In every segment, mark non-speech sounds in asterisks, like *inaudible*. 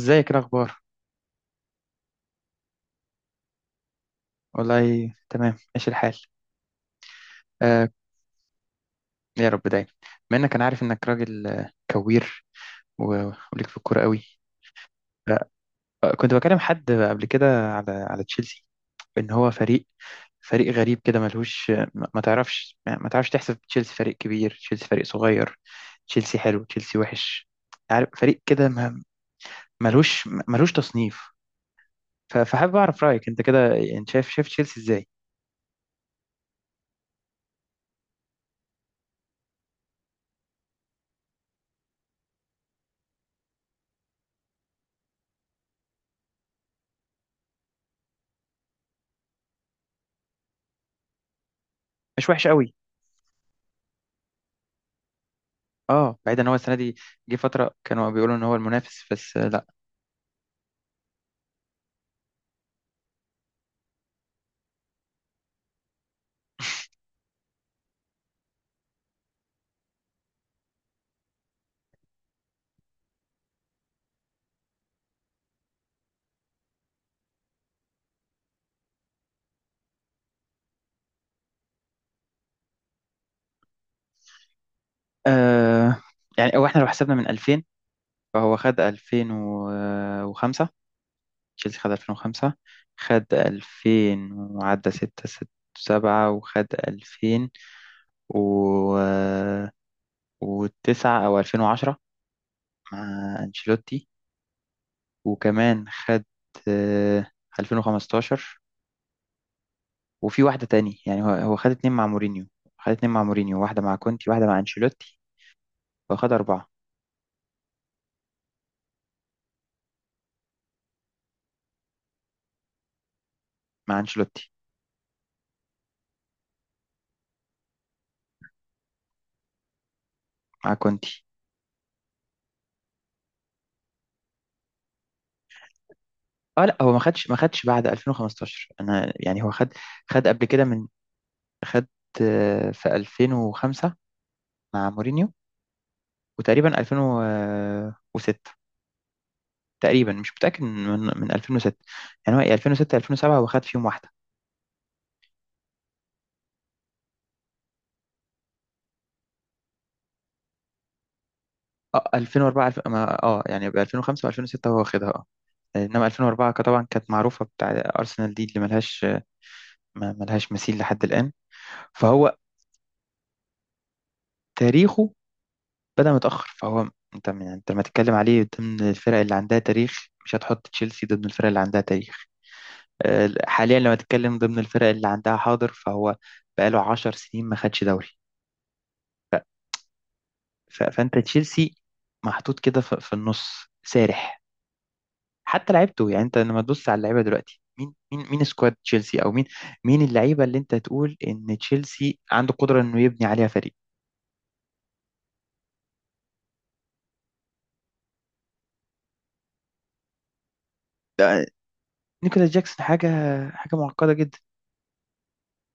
ازيك، إيه الاخبار؟ والله تمام، ماشي الحال. آه. يا رب دايما. بما انك، انا عارف انك راجل كوير، وليك في الكوره قوي. آه، كنت بكلم حد قبل كده على تشيلسي. ان هو فريق غريب كده، ملهوش ما تعرفش. يعني ما تعرفش تحسب تشيلسي فريق كبير، تشيلسي فريق صغير، تشيلسي حلو، تشيلسي وحش. عارف، فريق كده ملهوش تصنيف. فحابب اعرف رايك انت كده. انت شايف تشيلسي ازاي؟ مش وحش قوي. اه، بعيد ان هو السنه دي جه فتره كانوا بيقولوا ان هو المنافس، بس لا. آه يعني، او احنا لو حسبنا من 2000، فهو خد 2005. تشيلسي خد 2005، خد 2000 وعدى 6، 6، 7، وخد 2000 و و9 او 2010 مع انشيلوتي. وكمان خد آه، 2015. وفي واحده تاني، يعني هو خد اتنين مع مورينيو. خد اتنين مع مورينيو، واحده مع كونتي، واحده مع انشيلوتي. واخد أربعة. مع انشيلوتي، مع كونتي. اه لا، هو ما خدش بعد 2015. انا يعني هو خد قبل كده من. خد في 2005 مع مورينيو، وتقريبا 2006. تقريبا مش متأكد من 2006. يعني هو 2006، 2007 هو خد فيهم واحدة. اه، 2004 اه يعني، ب 2005 و2006 هو واخدها. اه، انما 2004 طبعا كانت معروفة بتاع ارسنال دي اللي ملهاش، ملهاش مثيل لحد الآن. فهو تاريخه بدأ متأخر. فهو انت يعني، انت لما تتكلم عليه ضمن الفرق اللي عندها تاريخ، مش هتحط تشيلسي ضمن الفرق اللي عندها تاريخ. حاليا لما تتكلم ضمن الفرق اللي عندها حاضر، فهو بقاله 10 سنين ما خدش دوري. فانت تشيلسي محطوط كده في النص سارح. حتى لعيبته، يعني انت لما تبص على اللعيبه دلوقتي، مين سكواد تشيلسي، او مين اللعيبه اللي انت تقول ان تشيلسي عنده قدره انه يبني عليها فريق؟ ده- نيكولاس جاكسون، حاجه معقده جدا.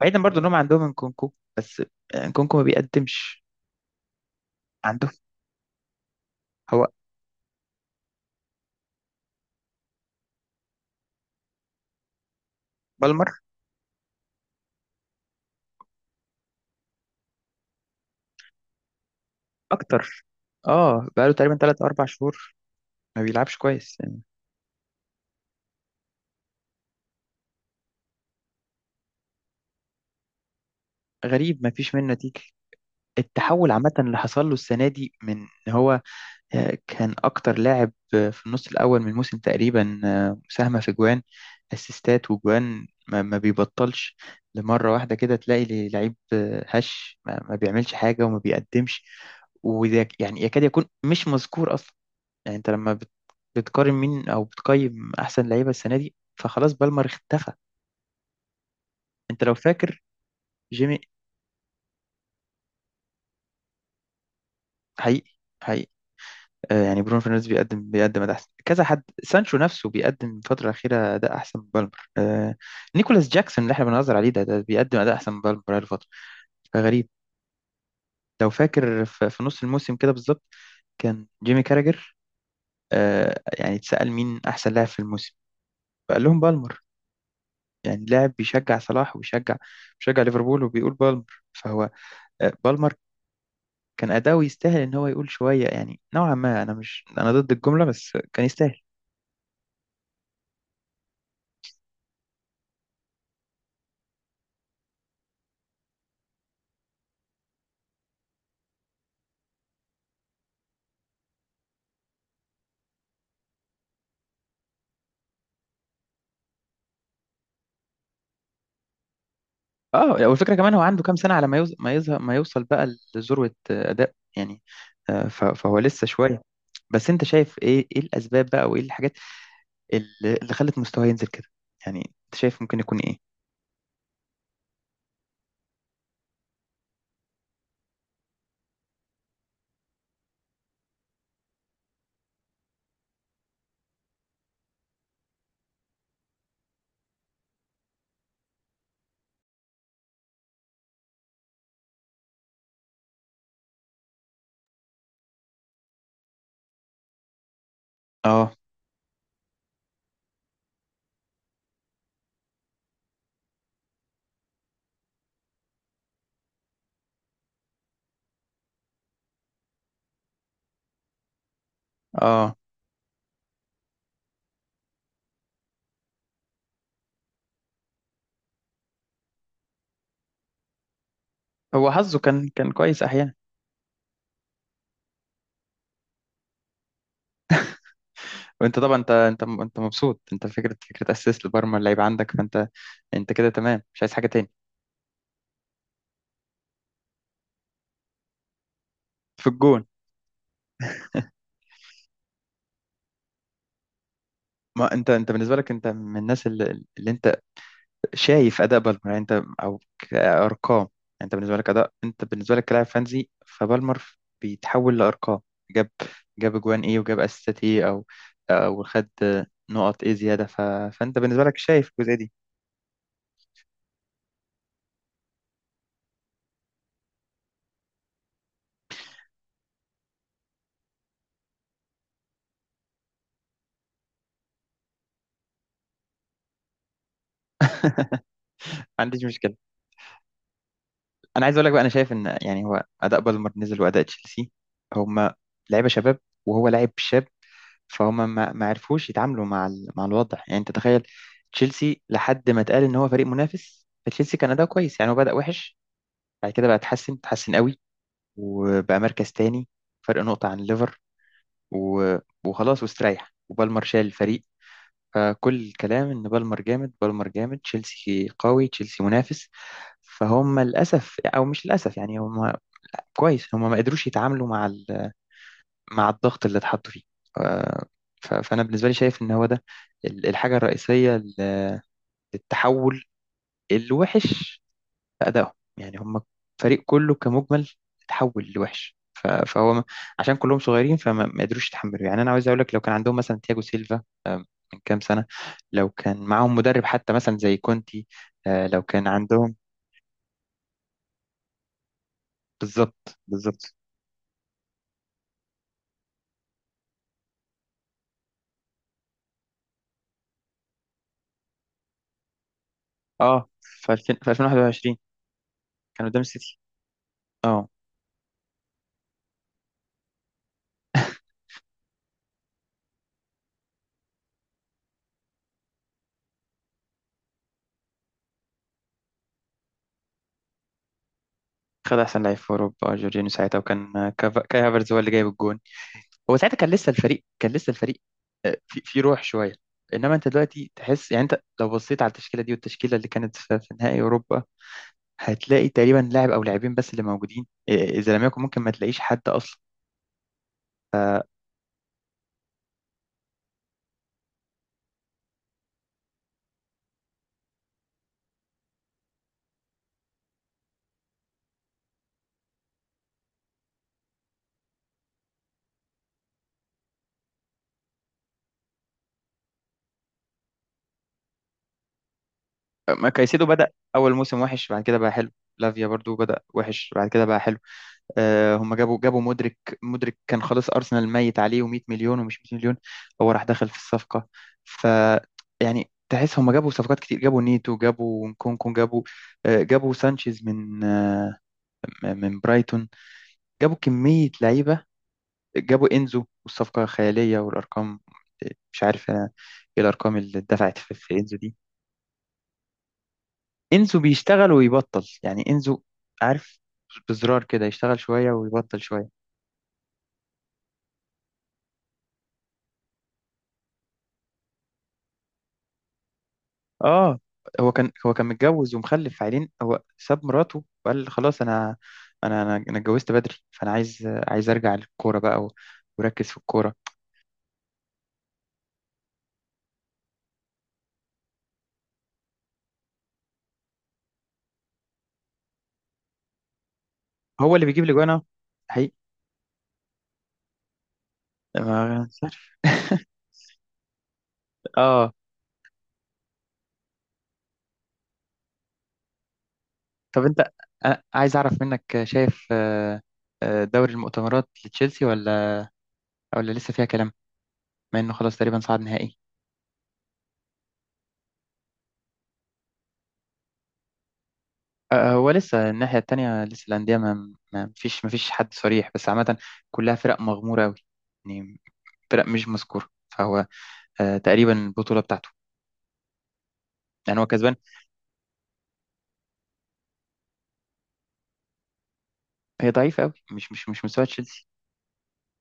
بعيدا، برضو انهم عندهم انكونكو، بس انكونكو ما بيقدمش. عندهم هو بالمر اكتر. اه بقاله تقريبا 3 4 شهور ما بيلعبش كويس يعني. غريب، ما فيش منه نتيجه. التحول عامه اللي حصل له السنه دي، من إن هو كان اكتر لاعب في النص الاول من الموسم تقريبا، مساهمه في جوان، اسيستات وجوان ما بيبطلش. لمره واحده كده تلاقي لي لعيب هش ما بيعملش حاجه وما بيقدمش، ويعني يكاد يكون مش مذكور اصلا. يعني انت لما بتقارن مين، او بتقيم احسن لعيبه السنه دي، فخلاص بالمر اختفى. انت لو فاكر جيمي. حقيقي، حقيقي. آه يعني، برونو فرنانديز بيقدم اداء احسن كذا. حد سانشو نفسه بيقدم الفتره الاخيره اداء احسن من بالمر. آه، نيكولاس جاكسون اللي احنا بنهزر عليه ده بيقدم اداء احسن من بالمر بقاله فتره. فغريب. لو فاكر في نص الموسم كده بالظبط، كان جيمي كاراجر. آه يعني اتسأل، مين أحسن لاعب في الموسم؟ فقال لهم بالمر. يعني لاعب بيشجع صلاح وبيشجع، بيشجع ليفربول وبيقول بالمر. فهو بالمر كان أداؤه يستاهل إن هو يقول شوية. يعني نوعا ما، أنا مش، أنا ضد الجملة بس كان يستاهل. اه، والفكرة كمان، هو عنده كام سنة على ما يظهر، ما يوصل بقى لذروة أداء يعني. فهو لسه شوية. بس أنت شايف إيه الأسباب بقى، وإيه الحاجات اللي اللي خلت مستواه ينزل كده؟ يعني أنت شايف ممكن يكون إيه؟ اه، اه، هو حظه كان كان كويس أحيانا. وانت طبعا، انت مبسوط، انت فكره اسيست لبرمر اللعيب عندك، فانت انت كده تمام مش عايز حاجه تاني. في الجون. ما انت بالنسبه لك، انت من الناس اللي انت شايف اداء بالمر يعني، انت او كارقام يعني. انت بالنسبه لك اداء، انت بالنسبه لك كلاعب فانزي، فبالمر بيتحول لارقام. جاب، جاب اجوان ايه، وجاب اسيستات ايه، او او خد نقط ايه زياده. فانت بالنسبه لك شايف الجزئيه دي؟ *laughs* ما عنديش مشكله. انا عايز اقول لك بقى، انا شايف ان يعني هو اداء بالمر نزل واداء تشيلسي، هما لعيبه شباب وهو لاعب شاب، فهم ما عرفوش يتعاملوا مع مع الوضع. يعني انت تخيل، تشيلسي لحد ما اتقال ان هو فريق منافس، فتشيلسي كان اداؤه كويس. يعني هو بدأ وحش، بعد كده بقى اتحسن قوي، وبقى مركز تاني، فرق نقطة عن ليفر، و... وخلاص واستريح، وبالمر شال الفريق. فكل الكلام ان بالمر جامد، بالمر جامد، تشيلسي قوي، تشيلسي منافس. فهم للاسف، او مش للاسف يعني، هم كويس، هم ما قدروش يتعاملوا مع الضغط اللي اتحط فيه. آه، فأنا بالنسبة لي شايف إن هو ده الحاجة الرئيسية للتحول الوحش في أدائهم. يعني هم الفريق كله كمجمل اتحول لوحش. فهو عشان كلهم صغيرين، فما ما قدروش يتحملوا. يعني أنا عاوز أقول لك، لو كان عندهم مثلا تياجو سيلفا آه، من كام سنة، لو كان معاهم مدرب حتى مثلا زي كونتي، لو كان عندهم، بالظبط بالظبط. اه، في 2000، في 2021، كان قدام السيتي. اه، خد احسن لعيب في اوروبا جورجينيو ساعتها، وكان كاي هافرتز هو اللي جايب الجون. هو ساعتها كان لسه الفريق، كان لسه الفريق في روح شويه. انما انت دلوقتي تحس، يعني انت لو بصيت على التشكيله دي، والتشكيله اللي كانت في نهائي اوروبا، هتلاقي تقريبا لاعب او لاعبين بس اللي موجودين، اذا لم يكن، ممكن ما تلاقيش حد اصلا. ما كايسيدو بدأ اول موسم وحش، بعد كده بقى حلو. لافيا برضو بدأ وحش، بعد كده بقى حلو. هم جابوا مودريك. مودريك كان خلاص ارسنال ميت عليه، و100 مليون ومش 100 مليون، هو راح دخل في الصفقه. ف يعني تحس هم جابوا صفقات كتير. جابوا نيتو، جابوا نكونكو، جابوا سانشيز من برايتون. جابوا كميه لعيبه. جابوا انزو والصفقه خياليه والارقام. آه، مش عارف انا ايه الارقام اللي اتدفعت في انزو دي. انزو بيشتغل ويبطل يعني. انزو عارف، بزرار كده يشتغل شويه ويبطل شويه. اه، هو كان، هو كان متجوز ومخلف عيلين، هو ساب مراته وقال خلاص، انا انا انا أنا اتجوزت بدري، فانا عايز ارجع للكوره بقى وركز في الكوره. هو اللي بيجيب لي جوانا حقيقي، ما عارف. *laughs* اه. طب انت، أنا عايز اعرف منك، شايف دوري المؤتمرات لتشيلسي، ولا ولا لسه فيها كلام؟ مع انه خلاص تقريبا صعد نهائي. هو لسه الناحيه التانيه، لسه الانديه ما فيش حد صريح، بس عامه كلها فرق مغموره قوي، فرق مش مذكورة. فهو تقريبا البطولة بتاعته يعني هو كسبان. هي ضعيفة قوي، مش مستوى تشيلسي.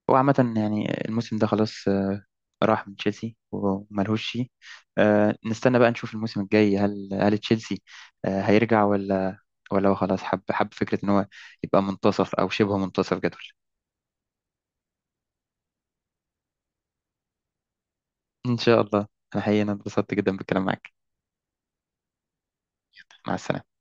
هو عامة يعني الموسم ده خلاص، راح من تشيلسي وملهوش شيء. نستنى بقى نشوف الموسم الجاي، هل تشيلسي هيرجع، ولا، ولا هو خلاص حب، فكرة ان هو يبقى منتصف او شبه منتصف جدول. ان شاء الله. انا حقيقة، أنا اتبسطت جدا بالكلام معاك. مع السلامة.